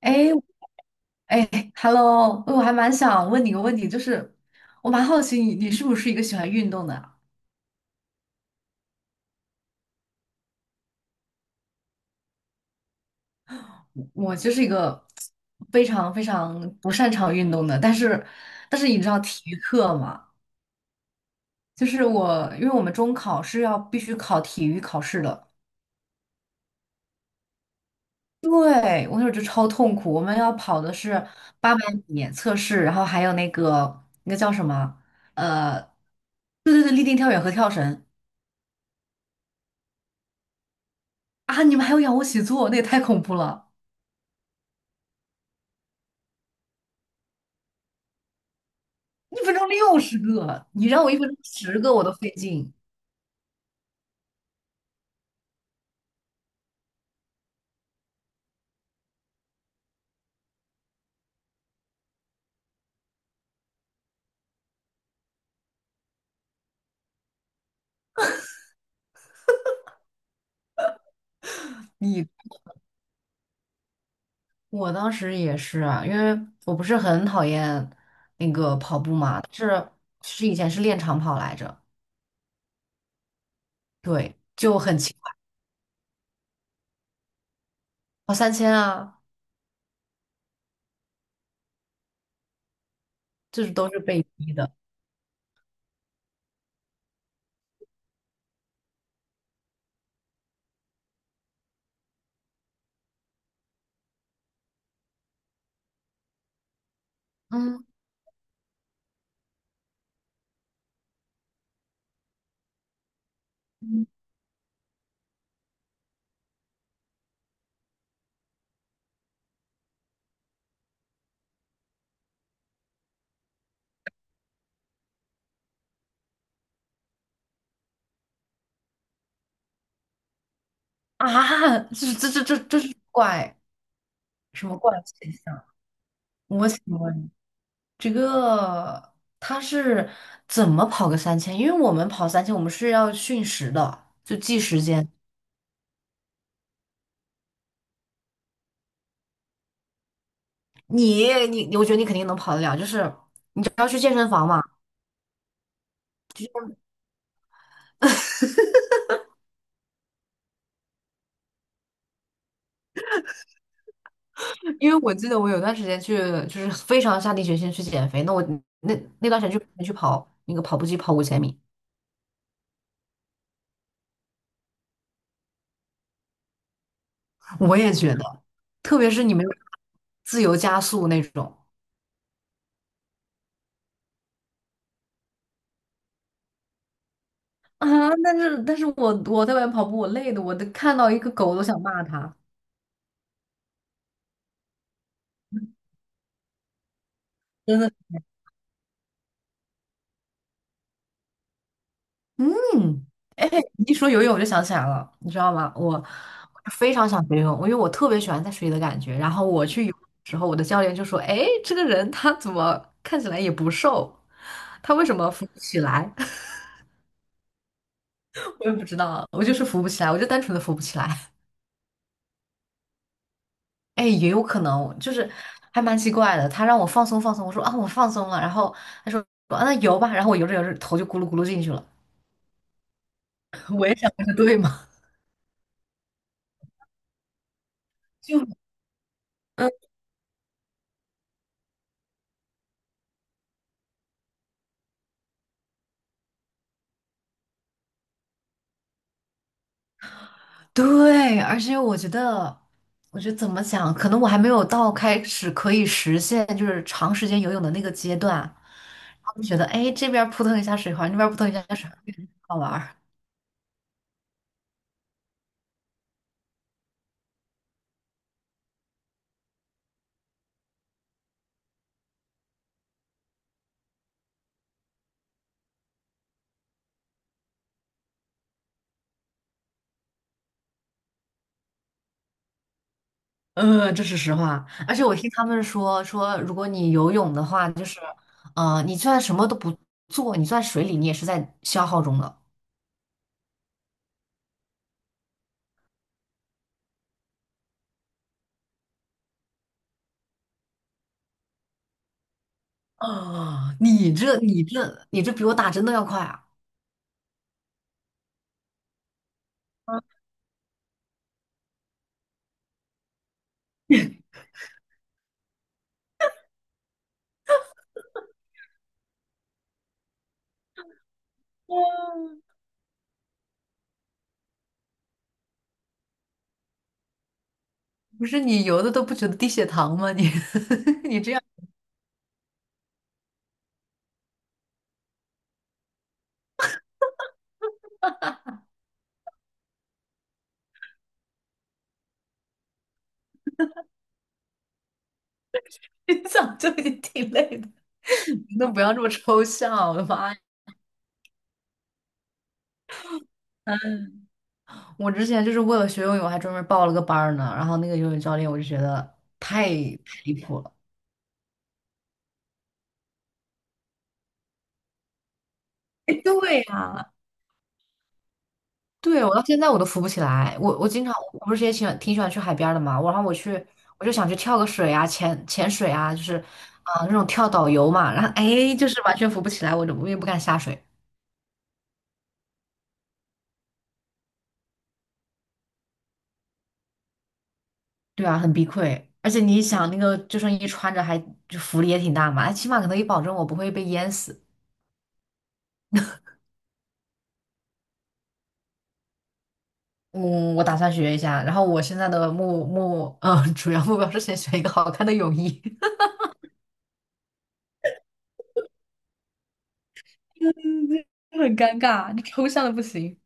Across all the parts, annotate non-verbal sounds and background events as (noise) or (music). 哎哎，Hello，我还蛮想问你个问题，就是我蛮好奇你是不是一个喜欢运动的啊。我就是一个非常非常不擅长运动的，但是你知道体育课嘛？就是我因为我们中考是要必须考体育考试的。对，我那时候就超痛苦，我们要跑的是800米测试，然后还有那个叫什么？呃，对对对，立定跳远和跳绳。啊，你们还有仰卧起坐，那也太恐怖了。一分钟60个，你让我一分钟十个我都费劲。你我当时也是啊，因为我不是很讨厌那个跑步嘛，但是是以前是练长跑来着。对，就很奇怪，跑三千啊，就是都是被逼的。嗯嗯，啊，这是怪什么怪现象？我请问这个他是怎么跑个三千？因为我们跑三千，我们是要训时的，就计时间。你，我觉得你肯定能跑得了，就是你只要去健身房嘛。因为我记得我有段时间去，就是非常下定决心去减肥，那我那段时间去跑那个跑步机跑5000米。我也觉得，特别是你们自由加速那种。啊，但是我在外面跑步，我累的，我都看到一个狗都想骂它。真的。嗯，哎，你一说游泳我就想起来了，你知道吗？我非常想学游泳，因为我特别喜欢在水里的感觉。然后我去游泳的时候，我的教练就说：“哎，这个人他怎么看起来也不瘦，他为什么浮不起来？” (laughs) 我也不知道，我就是浮不起来，我就单纯的浮不起来。哎，也有可能就是还蛮奇怪的。他让我放松放松，我说啊我放松了，然后他说啊那游吧，然后我游着游着头就咕噜咕噜进去了。(laughs) 我也想这对吗？(laughs) 就嗯。对，而且我觉得，我觉得怎么讲，可能我还没有到开始可以实现就是长时间游泳的那个阶段，然后就觉得，哎，这边儿扑腾一下水花，那边儿扑腾一下水花，好玩儿。嗯，这是实话。而且我听他们说，说如果你游泳的话，就是，你就算什么都不做，你就在水里，你也是在消耗中的。啊，你这比我打针都要快啊！不是你游的都不觉得低血糖吗？你 (laughs) 你这样。(laughs) 你早就已经挺累的，你都不要这么抽象，我的妈呀！我之前就是为了学游泳，还专门报了个班儿呢。然后那个游泳教练，我就觉得太离谱了。哎，对呀、对，我到现在我都浮不起来。我经常，我不是也喜欢挺喜欢去海边儿的嘛。我然后我去，我就想去跳个水啊，潜水啊，就是啊、那种跳导游嘛。然后哎，就是完全浮不起来，我就我也不敢下水。对啊，很避愧，而且你想那个救生衣穿着还就浮力也挺大嘛，它起码可能也保证我不会被淹死。嗯，我打算学一下，然后我现在的目目嗯主要目标是先学一个好看的泳衣。(laughs) 嗯。很尴尬，你抽象的不行。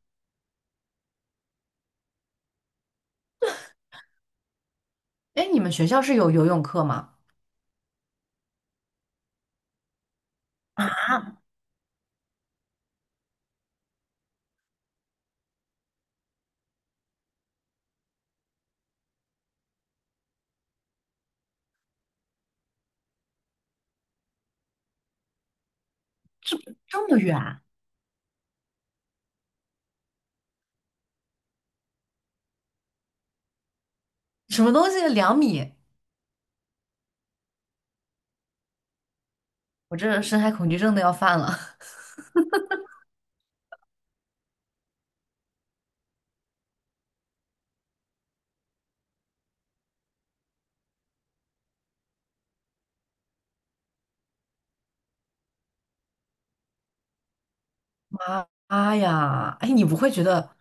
哎，你们学校是有游泳课吗？啊，这么远，什么东西？2米？我这深海恐惧症都要犯了。(laughs) 妈妈呀，哎，你不会觉得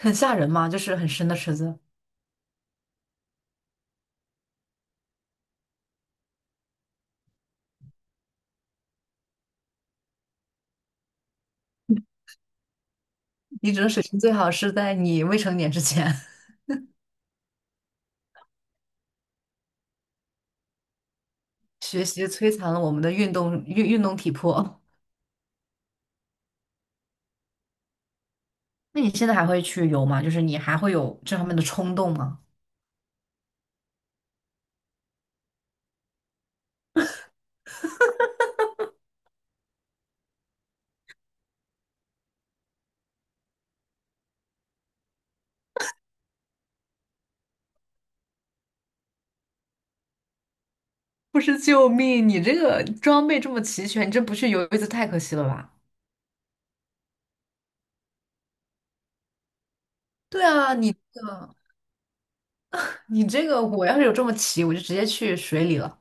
很吓人吗？就是很深的池子。你只能水性最好是在你未成年之前。学习摧残了我们的运动体魄。(laughs) 那你现在还会去游吗？就是你还会有这方面的冲动吗？不是，救命！你这个装备这么齐全，你这不去游一次太可惜了吧？对啊，你这个，我要是有这么齐，我就直接去水里了。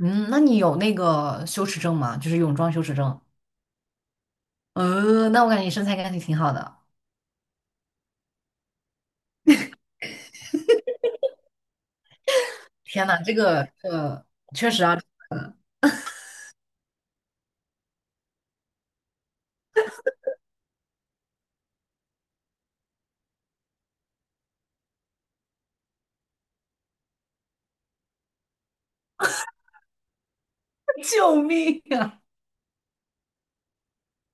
嗯，那你有那个羞耻症吗？就是泳装羞耻症。呃，那我感觉你身材应该挺好的。天呐，这个确实啊，(laughs) 救命啊！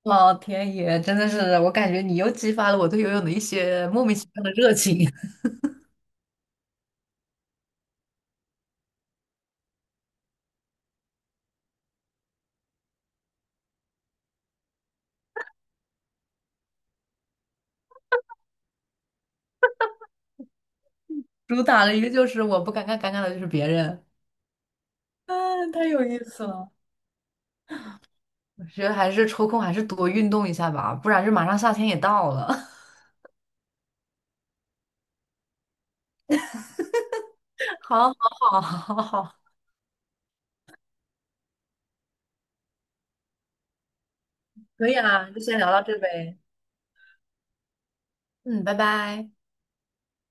老天爷，真的是，我感觉你又激发了我对游泳的一些莫名其妙的热情。(laughs) 主打了一个就是我不尴尬，尴尬的就是别人。啊，太有意思了！我觉得还是抽空还是多运动一下吧，不然就马上夏天也到了。(laughs) 好，好，好，好，好，可以啊，就先聊到这呗。嗯，拜拜。